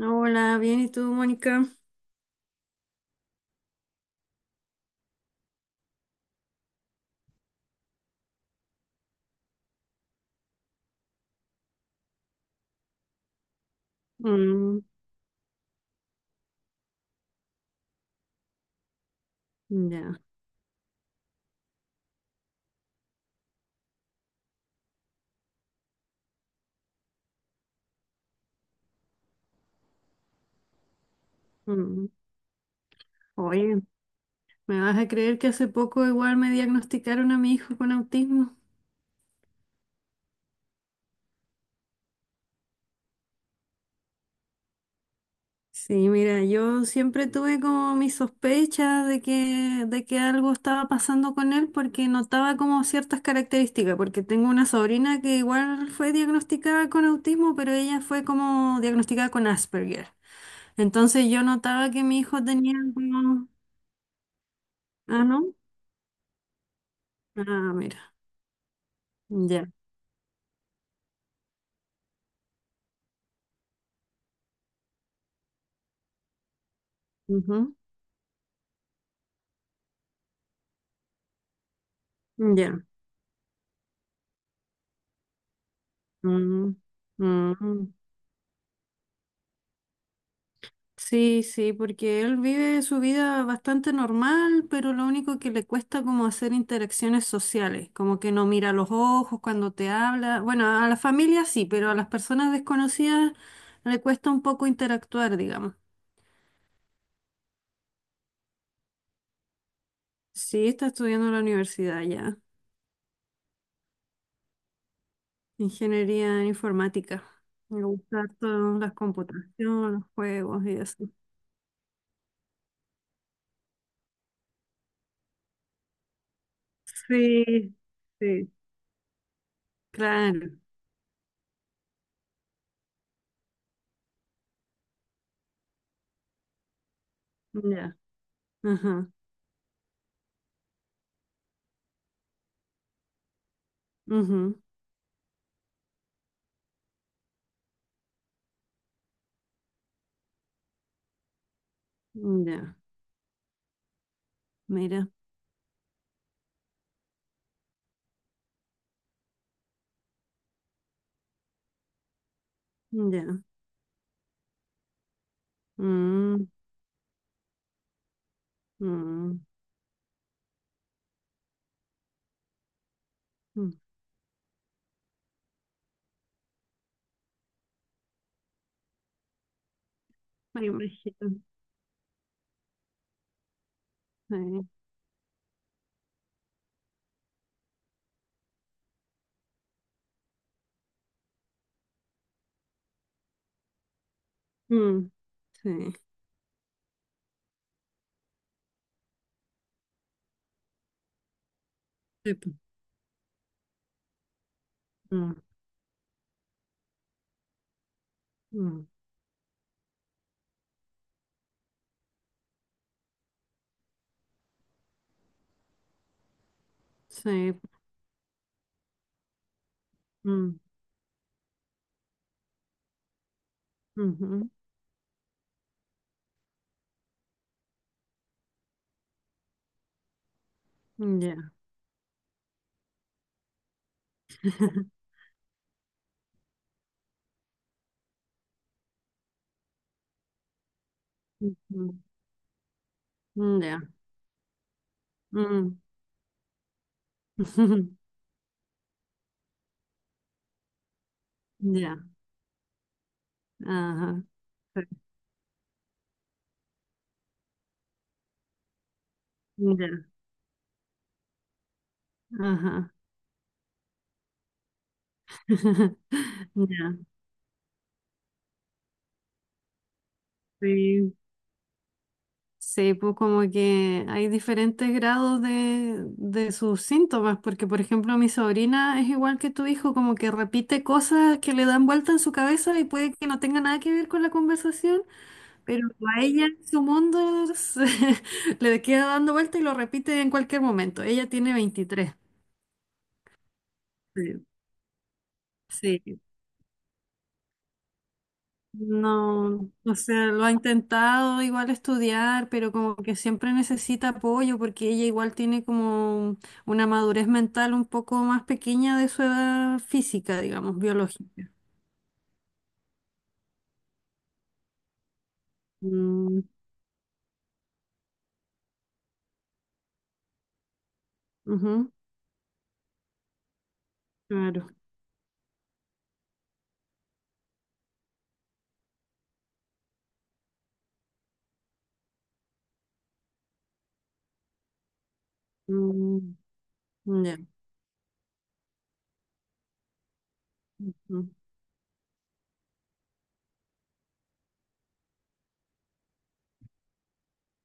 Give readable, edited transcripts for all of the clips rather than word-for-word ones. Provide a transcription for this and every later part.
Hola, bien, ¿y tú, Mónica? Mm, ya. Mm. Oye, ¿me vas a creer que hace poco igual me diagnosticaron a mi hijo con autismo? Sí, mira, yo siempre tuve como mis sospechas de que algo estaba pasando con él porque notaba como ciertas características, porque tengo una sobrina que igual fue diagnosticada con autismo, pero ella fue como diagnosticada con Asperger. Entonces yo notaba que mi hijo tenía como. Ah, ¿no? Ah, mira, ya. Ya. Mm, mm. Sí, sí, porque él vive su vida bastante normal, pero lo único que le cuesta como hacer interacciones sociales, como que no mira a los ojos cuando te habla. Bueno, a la familia sí, pero a las personas desconocidas le cuesta un poco interactuar, digamos. Sí, está estudiando en la universidad ya, ingeniería en informática. Me gusta todas las computaciones, los juegos y eso. Sí, sí, claro, ya, ajá. Ujú, ya, mira, ya. Mm, mm, mm. Me imagino. Sí. Mm, sí. Sí, po. Mm, mm, sí. Mm, ujú, ya. Ujú, ya. Mm, ya. Ajá. Sí, ya. Ajá. Ya. Sí. Sí, pues como que hay diferentes grados de sus síntomas, porque por ejemplo mi sobrina es igual que tu hijo, como que repite cosas que le dan vuelta en su cabeza y puede que no tenga nada que ver con la conversación, pero a ella su mundo le queda dando vuelta y lo repite en cualquier momento. Ella tiene 23. Sí. Sí, no, o sea, lo ha intentado igual estudiar, pero como que siempre necesita apoyo porque ella igual tiene como una madurez mental un poco más pequeña de su edad física, digamos, biológica. Mm, ujú, claro. Mm, ya.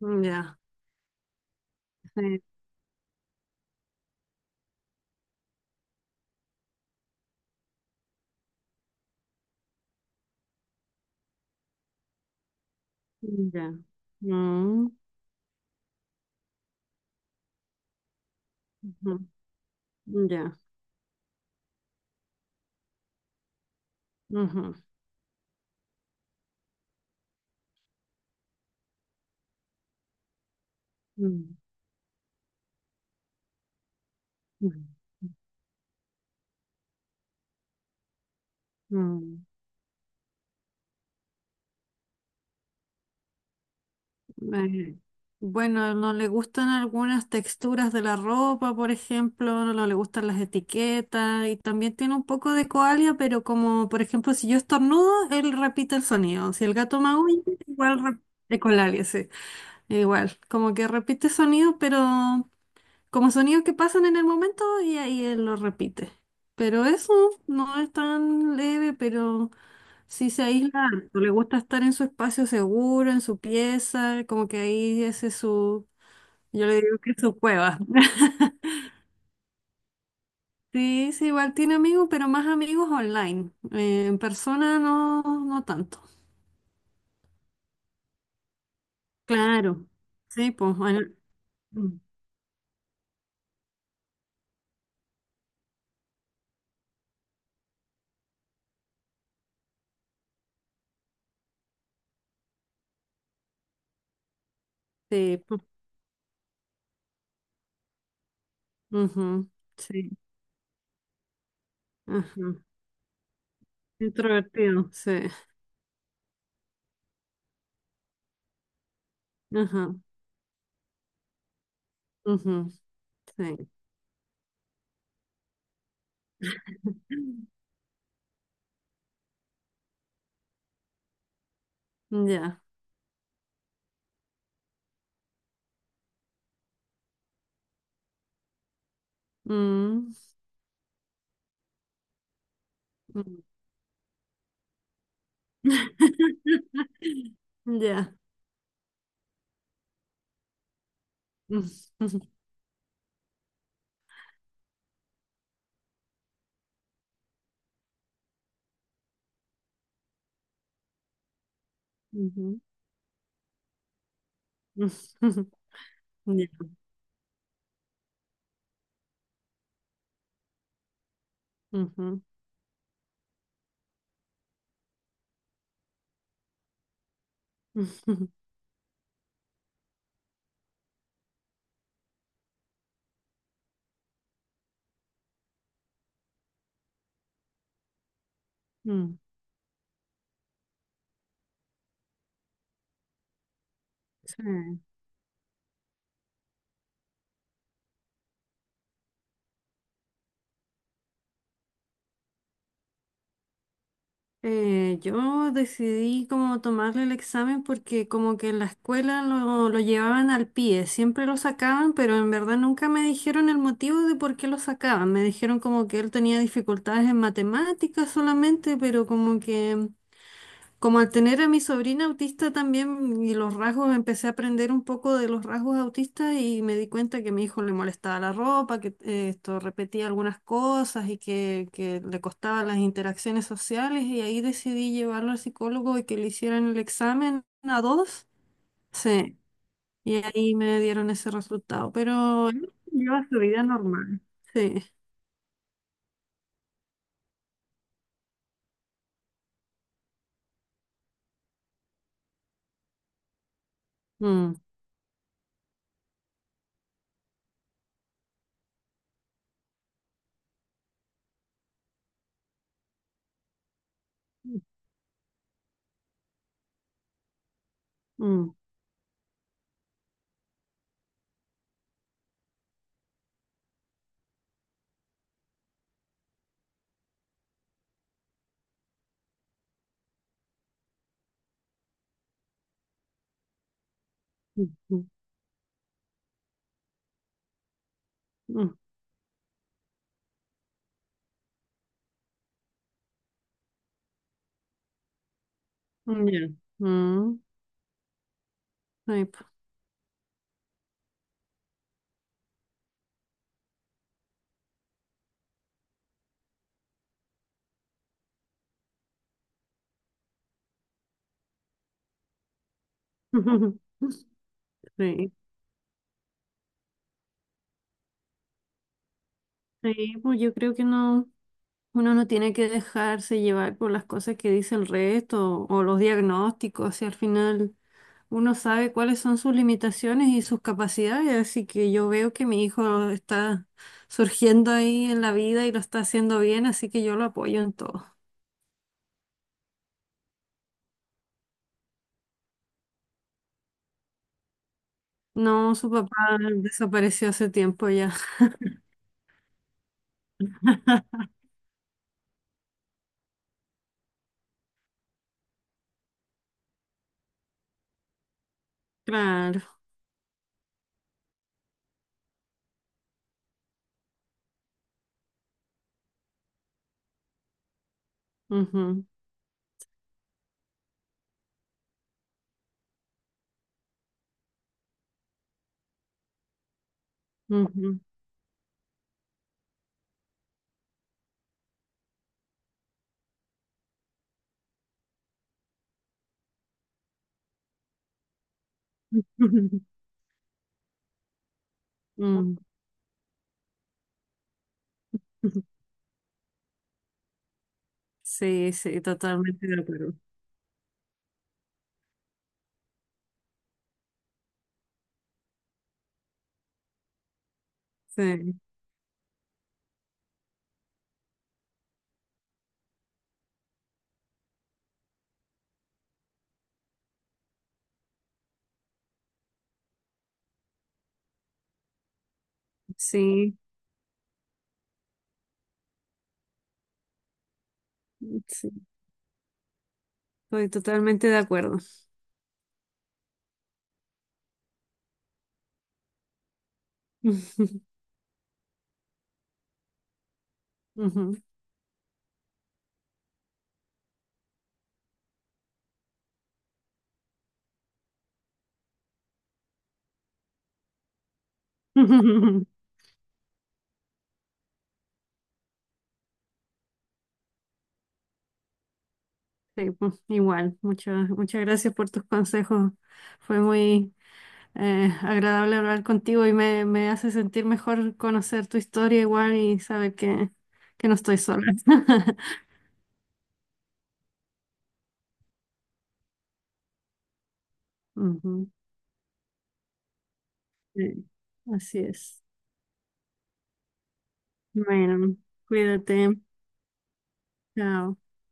Ujú, ya. Sí, ya. Mm, ujú, ya. Ujú, mm, mm, mm. Eh, Bueno, no le gustan algunas texturas de la ropa, por ejemplo, no le gustan las etiquetas y también tiene un poco de coalia, pero como por ejemplo si yo estornudo, él repite el sonido. Si el gato maulla, igual re- de coalia, sí, igual, como que repite sonido, pero como sonidos que pasan en el momento y ahí él lo repite. Pero eso no es tan leve, pero sí, se aísla harto, le gusta estar en su espacio seguro, en su pieza, como que ahí ese es su, yo le digo que es su cueva. Sí, sí, igual tiene amigos, pero más amigos online. En persona no, no tanto. Claro. Sí, pues, bueno, mm, sí, pues, ujú, sí, ajá. Introvertido, sí, ajá, ujú, sí. Ya. Mm, mm, ya. Ujú, ujú, ya. Ujú. Mm. Sí. Yo decidí como tomarle el examen porque como que en la escuela lo llevaban al pie, siempre lo sacaban, pero en verdad nunca me dijeron el motivo de por qué lo sacaban. Me dijeron como que él tenía dificultades en matemáticas solamente, pero como que. Como al tener a mi sobrina autista también y los rasgos, empecé a aprender un poco de los rasgos autistas y me di cuenta que a mi hijo le molestaba la ropa, que esto repetía algunas cosas y que le costaban las interacciones sociales y ahí decidí llevarlo al psicólogo y que le hicieran el examen a dos. Sí, y ahí me dieron ese resultado, pero él lleva su vida normal. Sí. Mm, mm, mm, mm, mm, mm, ya. Mm, sí, po. Sí. Sí, pues yo creo que no, uno no tiene que dejarse llevar por las cosas que dice el resto o los diagnósticos, si al final uno sabe cuáles son sus limitaciones y sus capacidades, así que yo veo que mi hijo está surgiendo ahí en la vida y lo está haciendo bien, así que yo lo apoyo en todo. No, su papá desapareció hace tiempo ya. Claro. Ujú, ujú. Mm. Sí, sí, totalmente de acuerdo. Sí, sí. Sí, estoy totalmente de acuerdo. Ujú. Sí, pues, igual, muchas, muchas gracias por tus consejos. Fue muy agradable hablar contigo y me hace sentir mejor conocer tu historia igual y saber que, no estoy sola. Ujú. Sí, así es. Bueno, cuídate. Chao.